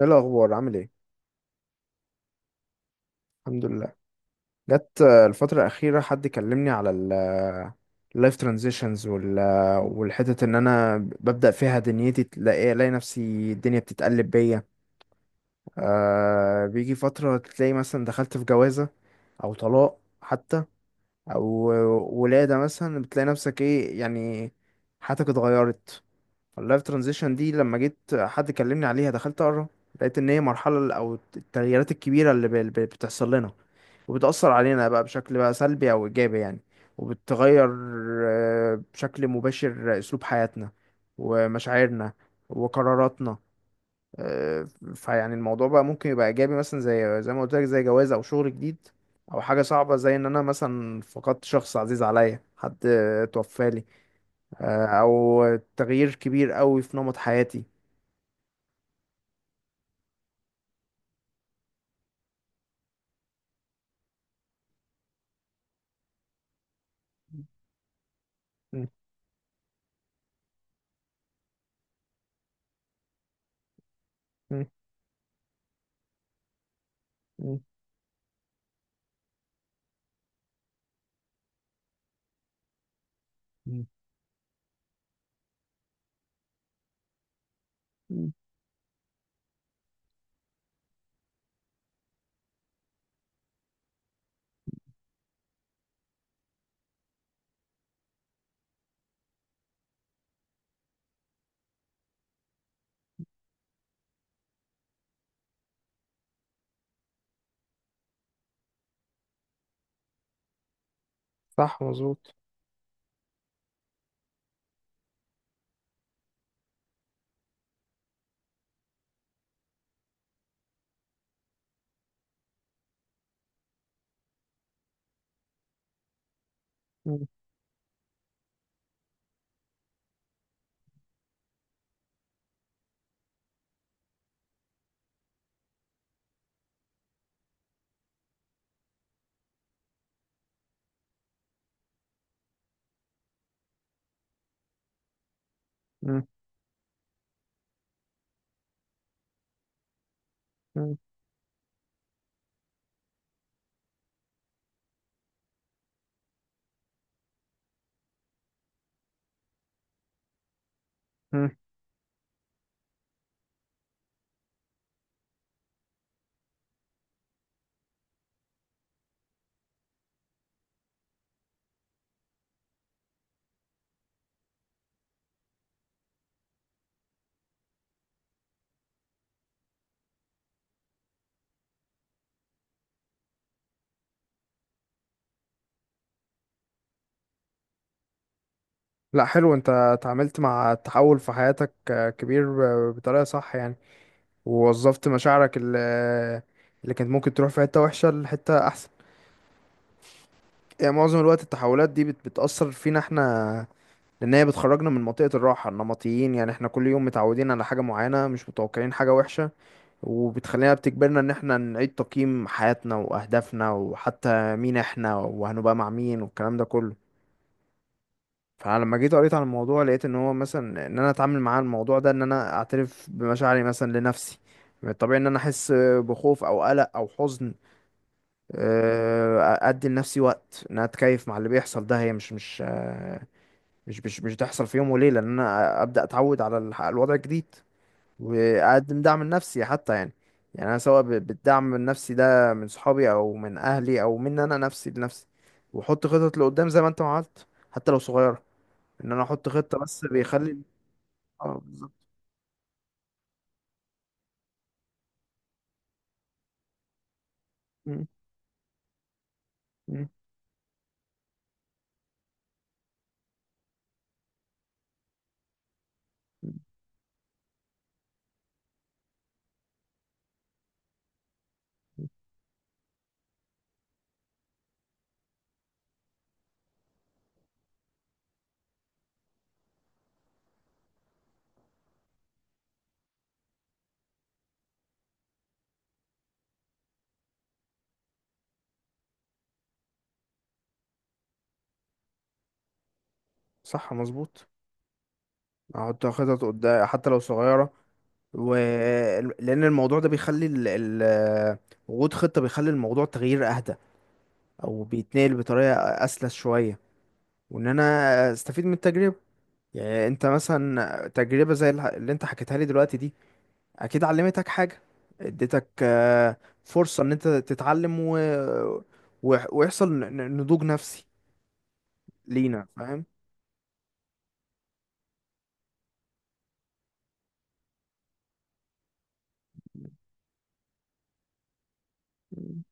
ايه الاخبار؟ عامل ايه؟ الحمد لله. جت الفتره الاخيره حد كلمني على اللايف ترانزيشنز وال والحتت ان انا ببدا فيها دنيتي الاقي نفسي، الدنيا بتتقلب بيا. بيجي فتره تلاقي مثلا دخلت في جوازه او طلاق حتى او ولاده مثلا، بتلاقي نفسك ايه يعني، حياتك اتغيرت. اللايف ترانزيشن دي لما جيت حد كلمني عليها دخلت اقرا، لقيت ان هي مرحله او التغييرات الكبيره اللي بتحصل لنا وبتاثر علينا بقى بشكل بقى سلبي او ايجابي يعني، وبتغير بشكل مباشر اسلوب حياتنا ومشاعرنا وقراراتنا آه، فيعني الموضوع بقى ممكن يبقى ايجابي، مثلا زي ما قلت لك، زي جواز او شغل جديد، او حاجه صعبه زي ان انا مثلا فقدت شخص عزيز عليا، حد توفى لي آه،، او تغيير كبير قوي في نمط حياتي. مم. مم. مم. مم. مم. صح مظبوط. مم. مم. مم. مم. لا حلو، انت اتعاملت مع التحول في حياتك، كبير، بطريقة صح يعني، ووظفت مشاعرك اللي كانت ممكن تروح في حتة وحشة لحتة احسن. يعني معظم الوقت التحولات دي بتأثر فينا احنا، لان هي بتخرجنا من منطقة الراحة، النمطيين يعني احنا كل يوم متعودين على حاجة معينة، مش متوقعين حاجة وحشة، وبتخلينا بتجبرنا ان احنا نعيد تقييم حياتنا واهدافنا، وحتى مين احنا وهنبقى مع مين والكلام ده كله. فانا لما جيت قريت عن الموضوع، لقيت ان هو مثلا ان انا اتعامل مع الموضوع ده، ان انا اعترف بمشاعري مثلا لنفسي. من الطبيعي ان انا احس بخوف او قلق او حزن. ادي لنفسي وقت ان انا اتكيف مع اللي بيحصل ده، هي مش مش آه، مش مش مش تحصل في يوم وليله، ان انا ابدا اتعود على الوضع الجديد، واقدم دعم نفسي حتى يعني. يعني انا سواء بالدعم النفسي ده من صحابي، او من اهلي، او من انا نفسي لنفسي، واحط خطط لقدام زي ما انت ما عملت، حتى لو صغيره، ان انا احط خطه بس بيخلي. اه بالظبط. م- م- م. صح مظبوط. احط خطط قدام حتى لو صغيره و... لان الموضوع ده بيخلي وجود خطه بيخلي الموضوع تغيير اهدى، او بيتنقل بطريقه اسلس شويه، وان انا استفيد من التجربه. يعني انت مثلا، تجربة زي اللي انت حكيتها لي دلوقتي دي، اكيد علمتك حاجة، اديتك فرصة ان انت تتعلم ويحصل نضوج نفسي لينا، فاهم. مم.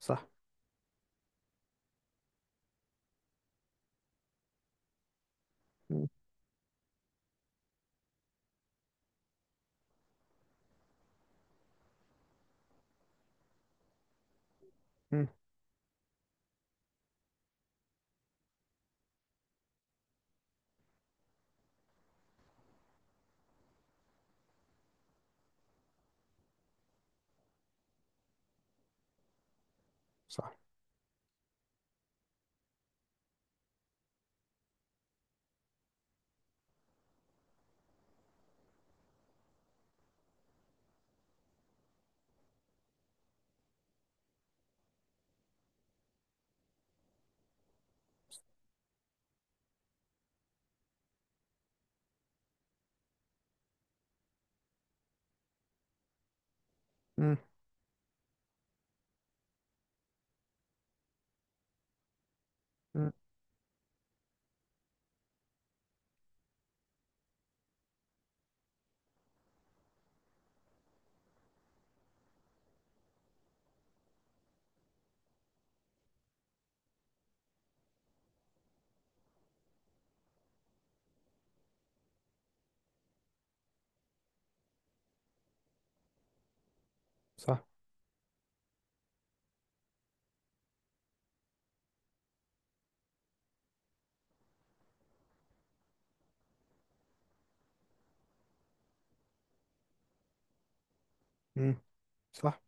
صح. مم. مم. صح. مم. مم. صح. مم. صح.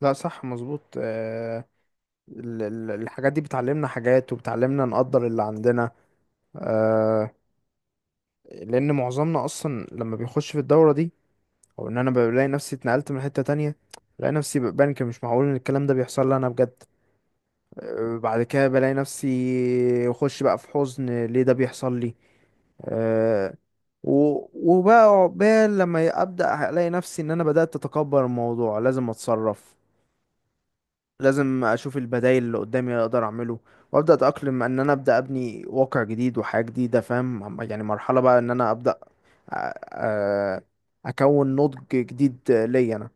لا صح مظبوط. الحاجات دي بتعلمنا حاجات، وبتعلمنا نقدر اللي عندنا. آه، لأن معظمنا أصلا لما بيخش في الدورة دي، او ان انا بلاقي نفسي اتنقلت من حتة تانية، بلاقي نفسي، بنك، مش معقول ان الكلام ده بيحصل لي انا بجد. بعد كده بلاقي نفسي اخش بقى في حزن، ليه ده بيحصل لي؟ أه، و- وبقى عقبال لما ابدا الاقي نفسي ان انا بدات اتكبر، الموضوع لازم اتصرف، لازم اشوف البدائل اللي قدامي اللي اقدر اعمله، وابدا اتاقلم، ان انا ابدا ابني واقع جديد وحياه جديده، فاهم، عم- يعني مرحله بقى ان انا ابدا أ- أ- اكون نضج جديد ليا انا.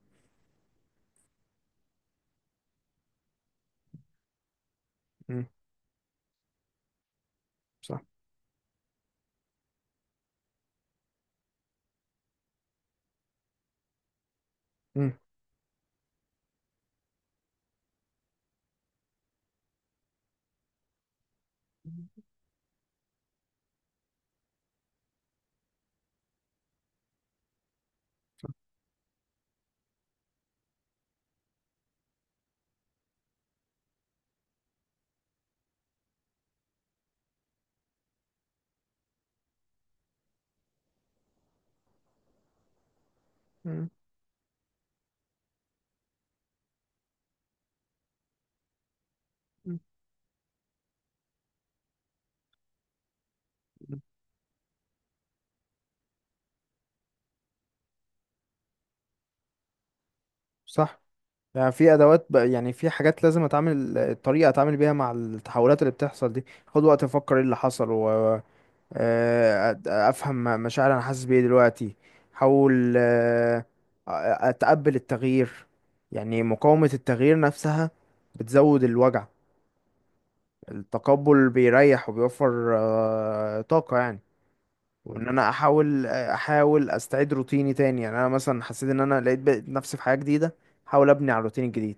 صح. مم. مم. مم. مم. صح. يعني في ادوات بقى، يعني في حاجات لازم اتعامل الطريقه اتعامل بيها مع التحولات اللي بتحصل دي. خد وقت افكر ايه اللي حصل، و افهم مشاعر انا حاسس بيه دلوقتي، احاول آه،، اتقبل التغيير. يعني مقاومه التغيير نفسها بتزود الوجع، التقبل بيريح وبيوفر طاقه يعني. وان انا احاول استعيد روتيني تاني. يعني انا مثلا حسيت ان انا لقيت بقيت نفسي في حاجة جديدة، احاول ابني على الروتين الجديد،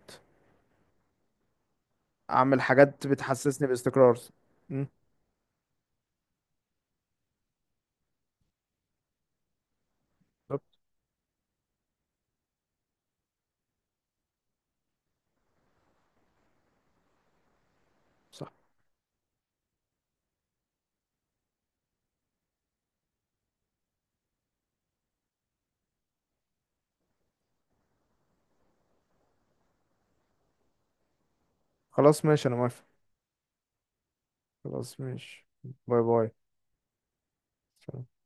اعمل حاجات بتحسسني باستقرار. مم. بالظبط. صح. خلاص ماشي، انا موافق. خلاص ماشي. باي باي. سلام.